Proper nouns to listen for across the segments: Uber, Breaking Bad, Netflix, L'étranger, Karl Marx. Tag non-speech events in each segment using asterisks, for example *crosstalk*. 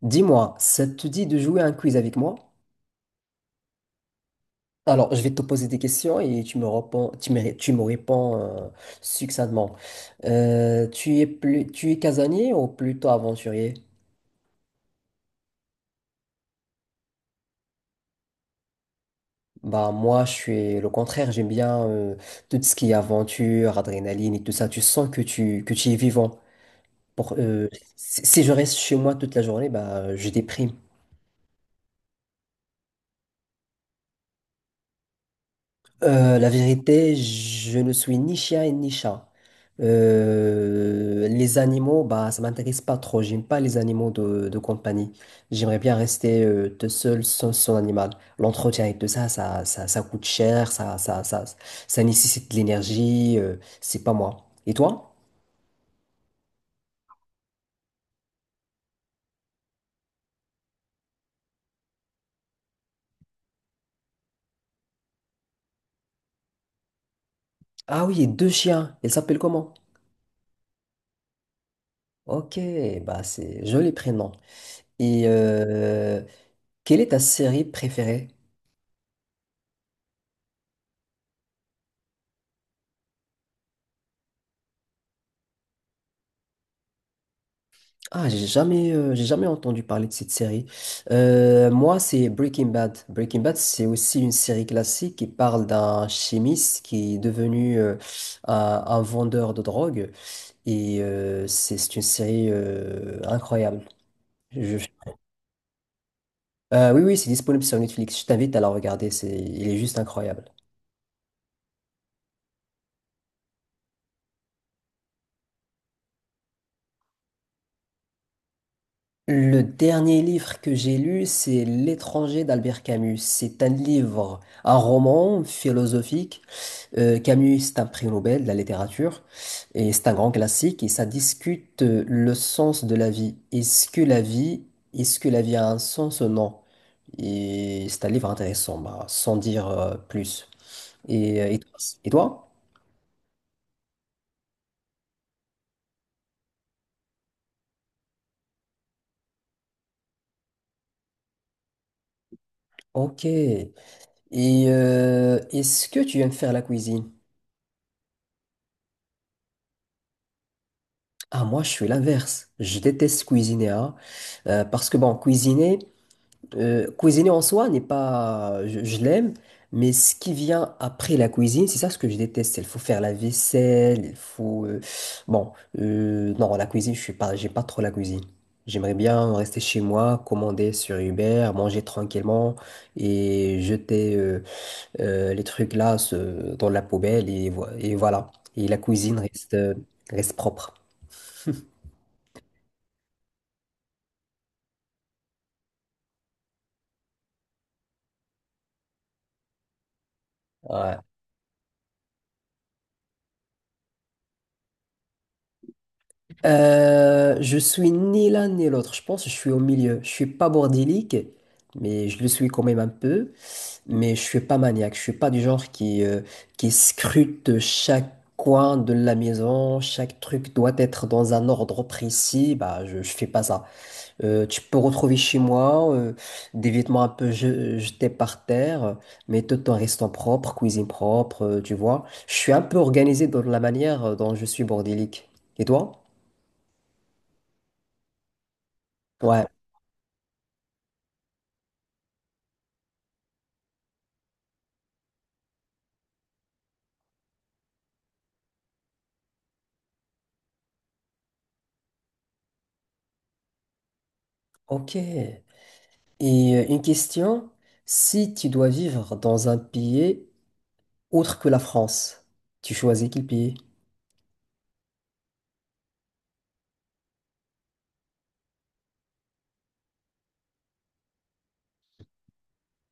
Dis-moi, ça te dit de jouer à un quiz avec moi? Alors, je vais te poser des questions et tu me réponds, tu me réponds succinctement. Tu es casanier ou plutôt aventurier? Bah moi, je suis le contraire. J'aime bien tout ce qui est aventure, adrénaline et tout ça. Tu sens que tu es vivant. Pour, euh, si je reste chez moi toute la journée, bah je déprime. La vérité, je ne suis ni chien et ni chat. Les animaux, bah, ça m'intéresse pas trop. J'aime pas les animaux de compagnie. J'aimerais bien rester tout seul sans son animal. L'entretien et tout ça, ça coûte cher, ça nécessite de l'énergie. C'est pas moi. Et toi? Ah oui, deux chiens. Ils s'appellent comment? Ok, bah c'est joli prénom. Et euh, Quelle est ta série préférée? Ah, j'ai jamais entendu parler de cette série. Moi, c'est Breaking Bad. Breaking Bad, c'est aussi une série classique qui parle d'un chimiste qui est devenu un vendeur de drogue. C'est une série incroyable. Je- oui, oui, c'est disponible sur Netflix. Je t'invite à la regarder. Il est juste incroyable. Le dernier livre que j'ai lu, c'est L'étranger d'Albert Camus. C'est un livre, un roman philosophique. Camus, c'est un prix Nobel de la littérature et c'est un grand classique et ça discute le sens de la vie. Est-ce que la vie a un sens ou non? Et c'est un livre intéressant, bah, sans dire plus. Et toi? Ok. Est-ce que tu aimes faire la cuisine? Ah, moi, je suis l'inverse. Je déteste cuisiner, hein, parce que bon, cuisiner. Cuisiner en soi n'est pas, je l'aime, mais ce qui vient après la cuisine, c'est ça ce que je déteste. Il faut faire la vaisselle, bon, non, la cuisine, je suis pas, j'aime pas trop la cuisine. J'aimerais bien rester chez moi, commander sur Uber, manger tranquillement et jeter les trucs là dans la poubelle et, et voilà. Et la cuisine reste, reste propre. Ouais. Je suis ni l'un ni l'autre, je pense, je suis au milieu. Je suis pas bordélique, mais je le suis quand même un peu, mais je suis pas maniaque, je suis pas du genre qui scrute chaque coin de la maison, chaque truc doit être dans un ordre précis, bah je fais pas ça. Tu peux retrouver chez moi des vêtements un peu jetés par terre, mais tout en restant propre, cuisine propre, tu vois. Je suis un peu organisé dans la manière dont je suis bordélique. Et toi? Ouais. Ok. Une question, si tu dois vivre dans un pays autre que la France, tu choisis quel pays?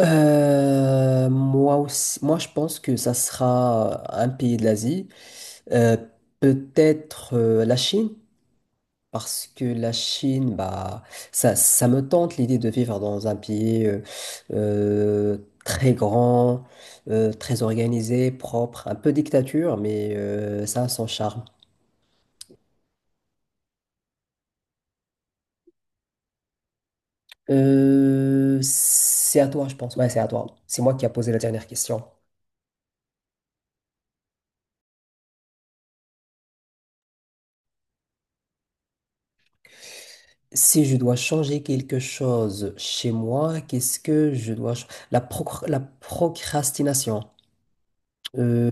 Moi aussi, moi je pense que ça sera un pays de l'Asie. Euh, Peut-être la Chine, parce que la Chine, bah, ça me tente l'idée de vivre dans un pays euh, très grand, très organisé, propre, un peu dictature, mais ça a son charme. C'est à toi, je pense. Ouais, c'est à toi. C'est moi qui a posé la dernière question. Si je dois changer quelque chose chez moi, qu'est-ce que je dois... la procrastination. Euh,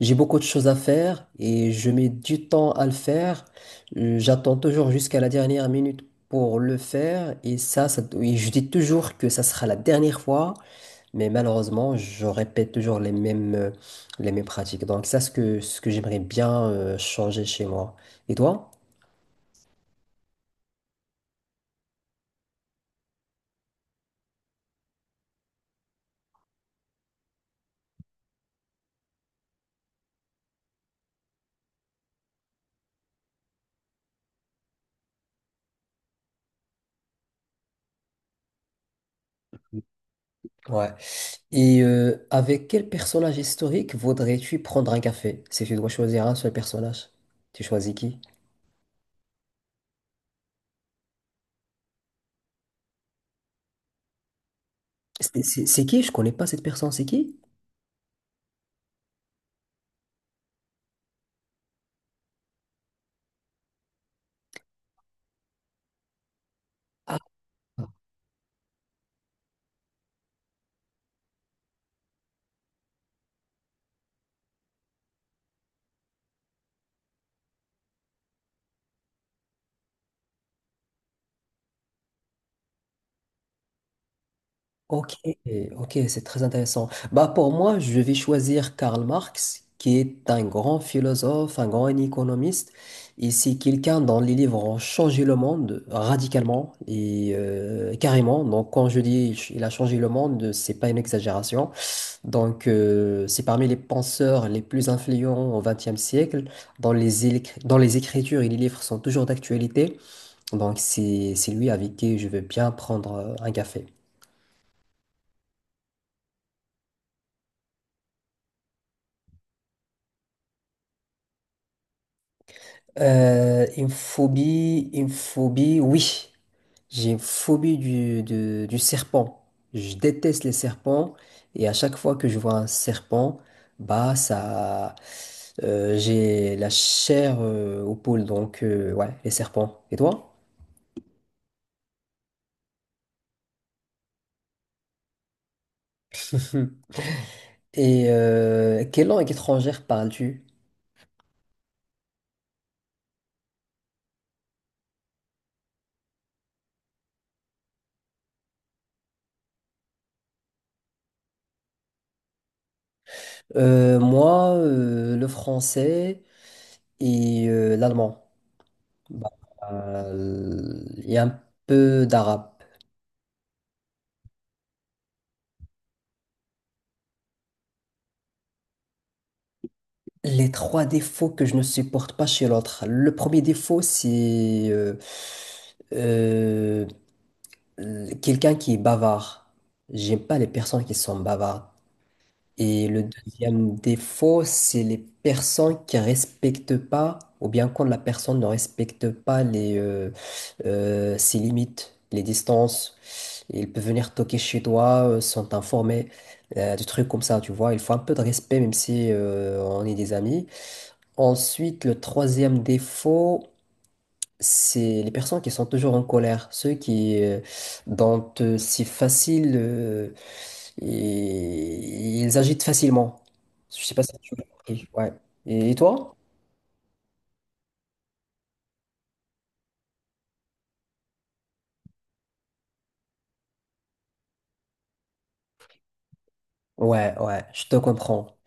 j'ai beaucoup de choses à faire et je mets du temps à le faire. J'attends toujours jusqu'à la dernière minute pour le faire et je dis toujours que ça sera la dernière fois. Mais malheureusement, je répète toujours les les mêmes pratiques. Donc ça, ce que j'aimerais bien changer chez moi. Et toi? Ouais. Et avec quel personnage historique voudrais-tu prendre un café? Si tu dois choisir un seul personnage, tu choisis qui? C'est qui? Je connais pas cette personne, c'est qui? Ah. Ok, ok, c'est très intéressant. Bah pour moi, je vais choisir Karl Marx, qui est un grand philosophe, un grand économiste, et c'est quelqu'un dont les livres ont changé le monde radicalement et carrément. Donc quand je dis il a changé le monde, c'est pas une exagération. Donc c'est parmi les penseurs les plus influents au XXe siècle, dont les écritures et les livres sont toujours d'actualité. Donc c'est lui avec qui je veux bien prendre un café. Une phobie, oui. J'ai une phobie du serpent. Je déteste les serpents et à chaque fois que je vois un serpent, bah ça, j'ai la chair au poule. Donc ouais, les serpents. Et toi? *laughs* Et quelle langue étrangère parles-tu? Moi, le français et l'allemand. Bah, il y a un peu d'arabe. Les trois défauts que je ne supporte pas chez l'autre. Le premier défaut, c'est euh, quelqu'un qui est bavard. J'aime pas les personnes qui sont bavardes. Et le deuxième défaut, c'est les personnes qui respectent pas, ou bien quand la personne ne respecte pas ses limites, les distances. Il peut venir toquer chez toi, sans t'informer, des trucs comme ça, tu vois. Il faut un peu de respect, même si on est des amis. Ensuite, le troisième défaut, c'est les personnes qui sont toujours en colère, ceux qui, dont c'est facile, ils agitent facilement. Je sais pas si tu m'as compris. Ouais. Et toi? Ouais, ouais, je te comprends.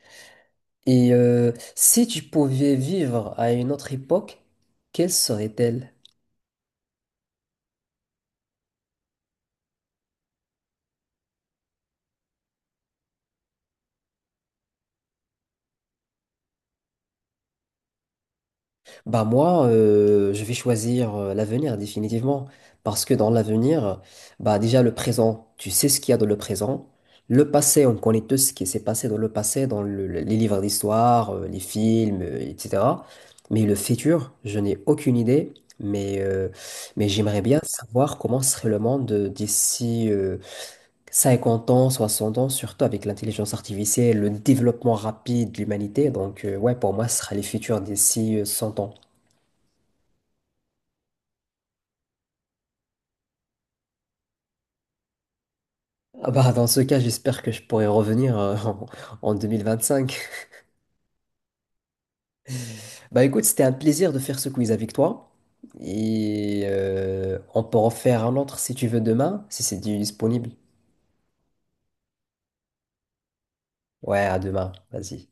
Et si tu pouvais vivre à une autre époque, quelle serait-elle? Bah moi, je vais choisir l'avenir définitivement. Parce que dans l'avenir, bah déjà le présent, tu sais ce qu'il y a dans le présent. Le passé, on connaît tout ce qui s'est passé dans le passé, dans les livres d'histoire, les films, etc. Mais le futur, je n'ai aucune idée. Mais, euh, mais j'aimerais bien savoir comment serait le monde d'ici 50 ans, 60 ans, surtout avec l'intelligence artificielle, le développement rapide de l'humanité. Donc ouais, pour moi, ce sera les futurs d'ici 100 ans. Ah bah, dans ce cas, j'espère que je pourrai revenir en 2025. Bah écoute, c'était un plaisir de faire ce quiz avec toi. Et on peut en faire un autre si tu veux demain, si c'est disponible. Ouais, à demain, vas-y.